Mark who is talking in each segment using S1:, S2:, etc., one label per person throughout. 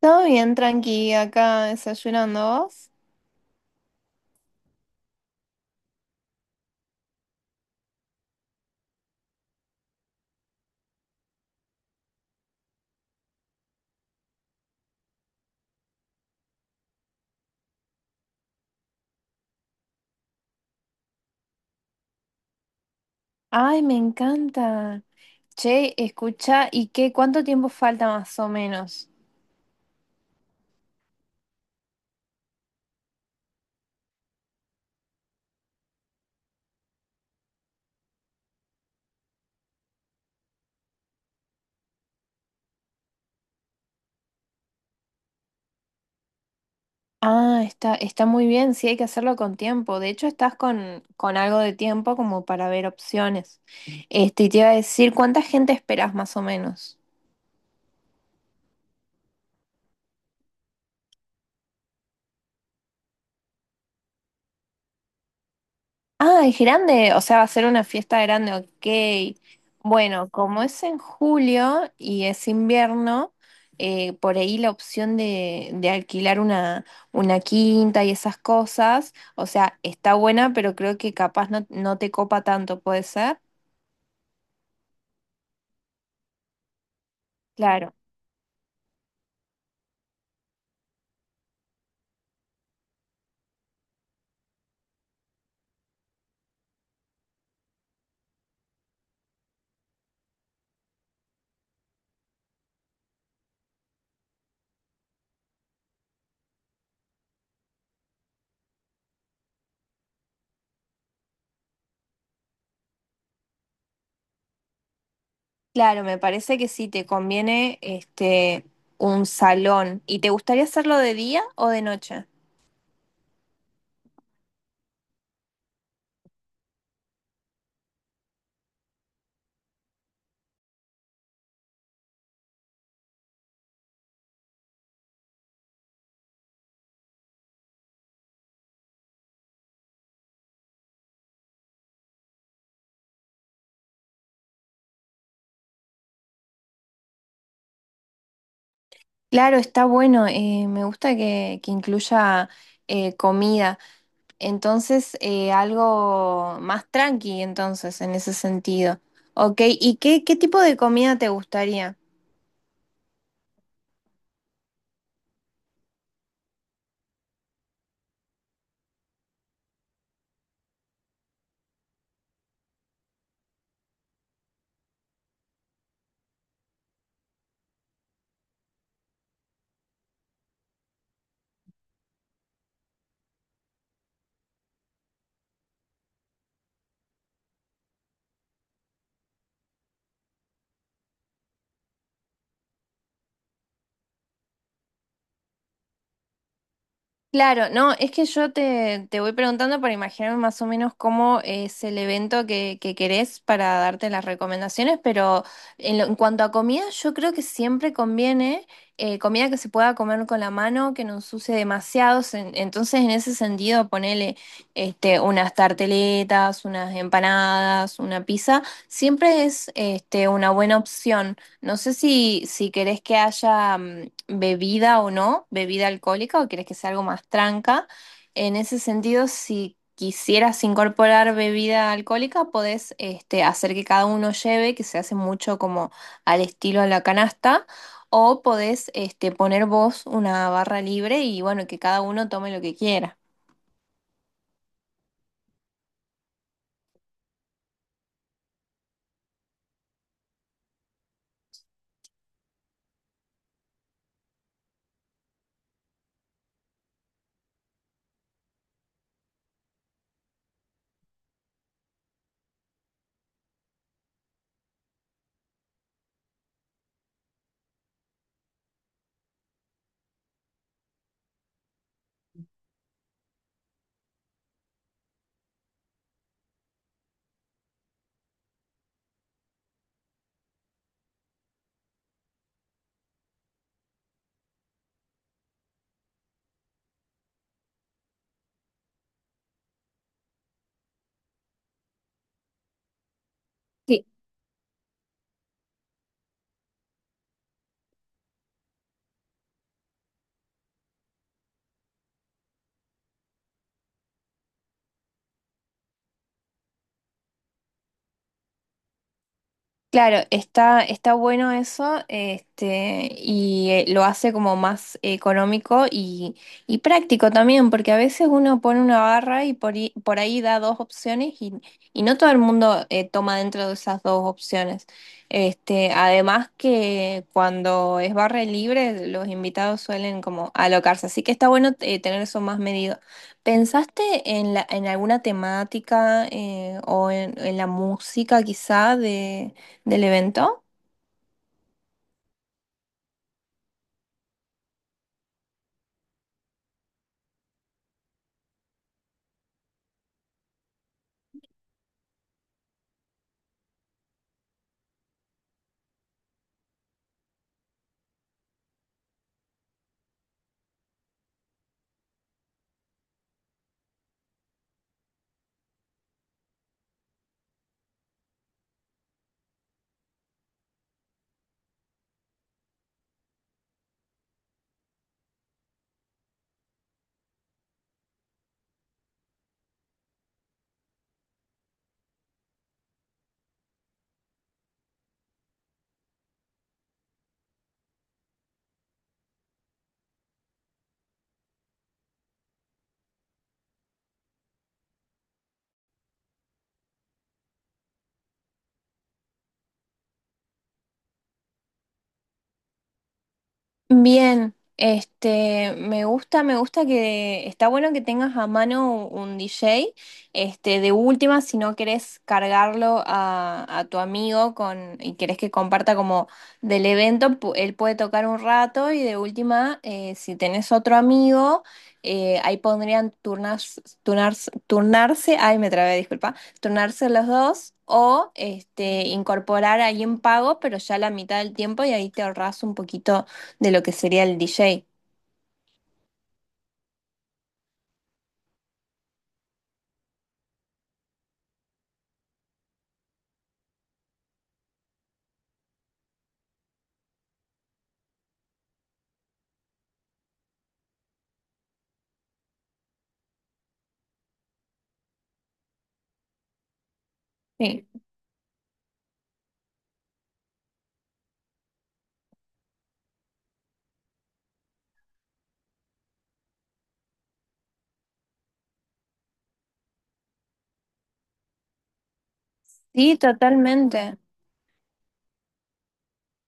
S1: Todo bien, tranqui, acá desayunando vos. Ay, me encanta. Che, escucha, ¿y qué? ¿Cuánto tiempo falta más o menos? Ah, está muy bien, sí, hay que hacerlo con tiempo. De hecho, estás con algo de tiempo como para ver opciones. Este, y te iba a decir, ¿cuánta gente esperás más o menos? Ah, es grande, o sea, va a ser una fiesta grande, ok. Bueno, como es en julio y es invierno, por ahí la opción de alquilar una quinta y esas cosas, o sea, está buena, pero creo que capaz no, no te copa tanto, ¿puede ser? Claro, claro, me parece que sí, te conviene este, un salón. ¿Y te gustaría hacerlo de día o de noche? Claro, está bueno, me gusta que incluya comida. Entonces, algo más tranqui, entonces, en ese sentido. Ok, ¿y qué, qué tipo de comida te gustaría? Claro, no, es que yo te, te voy preguntando para imaginarme más o menos cómo es el evento que querés para darte las recomendaciones, pero en, en cuanto a comida, yo creo que siempre conviene comida que se pueda comer con la mano, que no ensucie demasiado. Entonces, en ese sentido, ponele este, unas tarteletas, unas empanadas, una pizza, siempre es este, una buena opción. No sé si, si querés que haya bebida o no, bebida alcohólica, o querés que sea algo más tranca. En ese sentido, si quisieras incorporar bebida alcohólica, podés este, hacer que cada uno lleve, que se hace mucho como al estilo a la canasta, o podés este, poner vos una barra libre y bueno, que cada uno tome lo que quiera. Claro, está bueno eso, este, y lo hace como más económico y práctico también, porque a veces uno pone una barra y por ahí da dos opciones y no todo el mundo toma dentro de esas dos opciones. Este, además que cuando es barra libre, los invitados suelen como alocarse, así que está bueno tener eso más medido. ¿Pensaste en la, en alguna temática o en la música quizá de del evento? Bien, este, me gusta que está bueno que tengas a mano un DJ, este, de última, si no querés cargarlo a tu amigo con, y querés que comparta como del evento, él puede tocar un rato y de última, si tenés otro amigo, ahí pondrían turnarse, ay, me trabé, disculpa, turnarse los dos. O este, incorporar ahí en pago, pero ya la mitad del tiempo y ahí te ahorras un poquito de lo que sería el DJ. Sí. Sí, totalmente.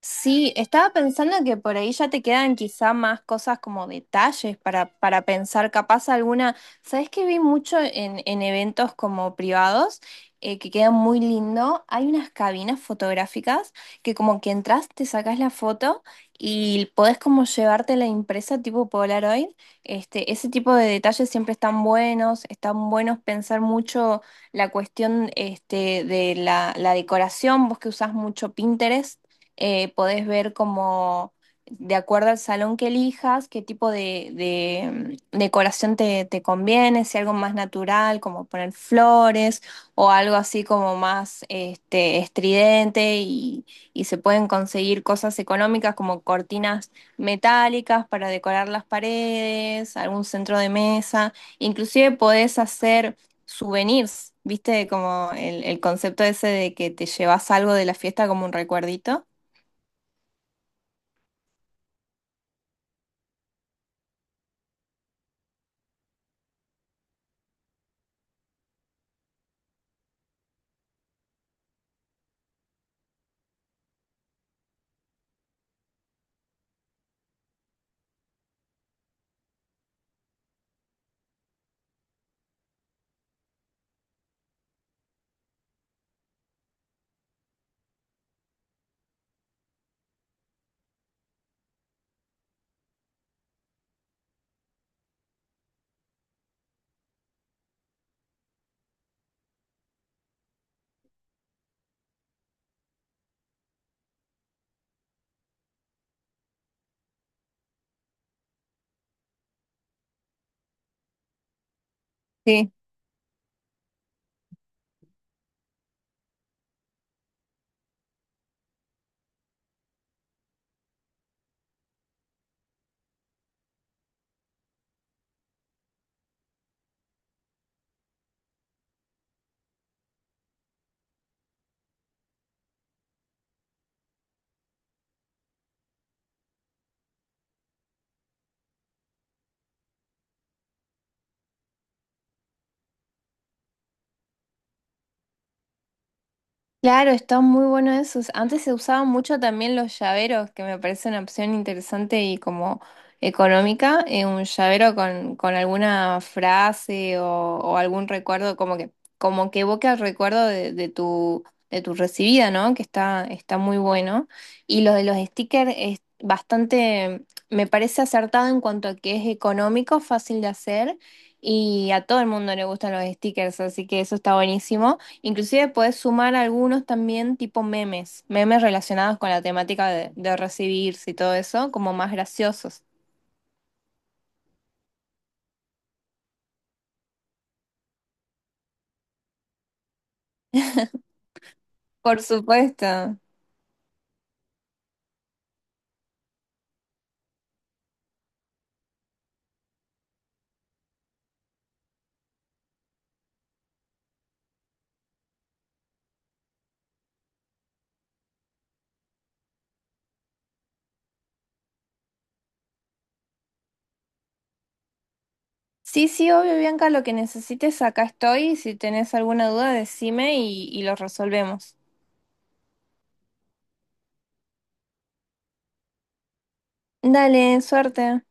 S1: Sí, estaba pensando que por ahí ya te quedan quizá más cosas como detalles para pensar, capaz alguna, ¿sabes qué vi mucho en eventos como privados? Que quedan muy lindo. Hay unas cabinas fotográficas que como que entras, te sacas la foto y podés como llevarte la impresa tipo Polaroid. Este, ese tipo de detalles siempre están buenos pensar mucho la cuestión este, de la, la decoración, vos que usás mucho Pinterest podés ver como, de acuerdo al salón que elijas, qué tipo de, decoración te, te conviene, si algo más natural, como poner flores, o algo así como más este, estridente, y se pueden conseguir cosas económicas como cortinas metálicas para decorar las paredes, algún centro de mesa, inclusive podés hacer souvenirs, ¿viste? Como el concepto ese de que te llevas algo de la fiesta como un recuerdito. Sí, claro, están muy buenos esos. Antes se usaban mucho también los llaveros, que me parece una opción interesante y como económica, un llavero con alguna frase o algún recuerdo, como que evoca el recuerdo de tu recibida, ¿no? Que está muy bueno. Y lo de los stickers es bastante, me parece acertado en cuanto a que es económico, fácil de hacer. Y a todo el mundo le gustan los stickers, así que eso está buenísimo. Inclusive puedes sumar algunos también tipo memes, memes relacionados con la temática de recibirse y todo eso, como más graciosos. Por supuesto. Sí, sí, obvio, Bianca, lo que necesites, acá estoy. Si tenés alguna duda, decime y lo resolvemos. Dale, suerte.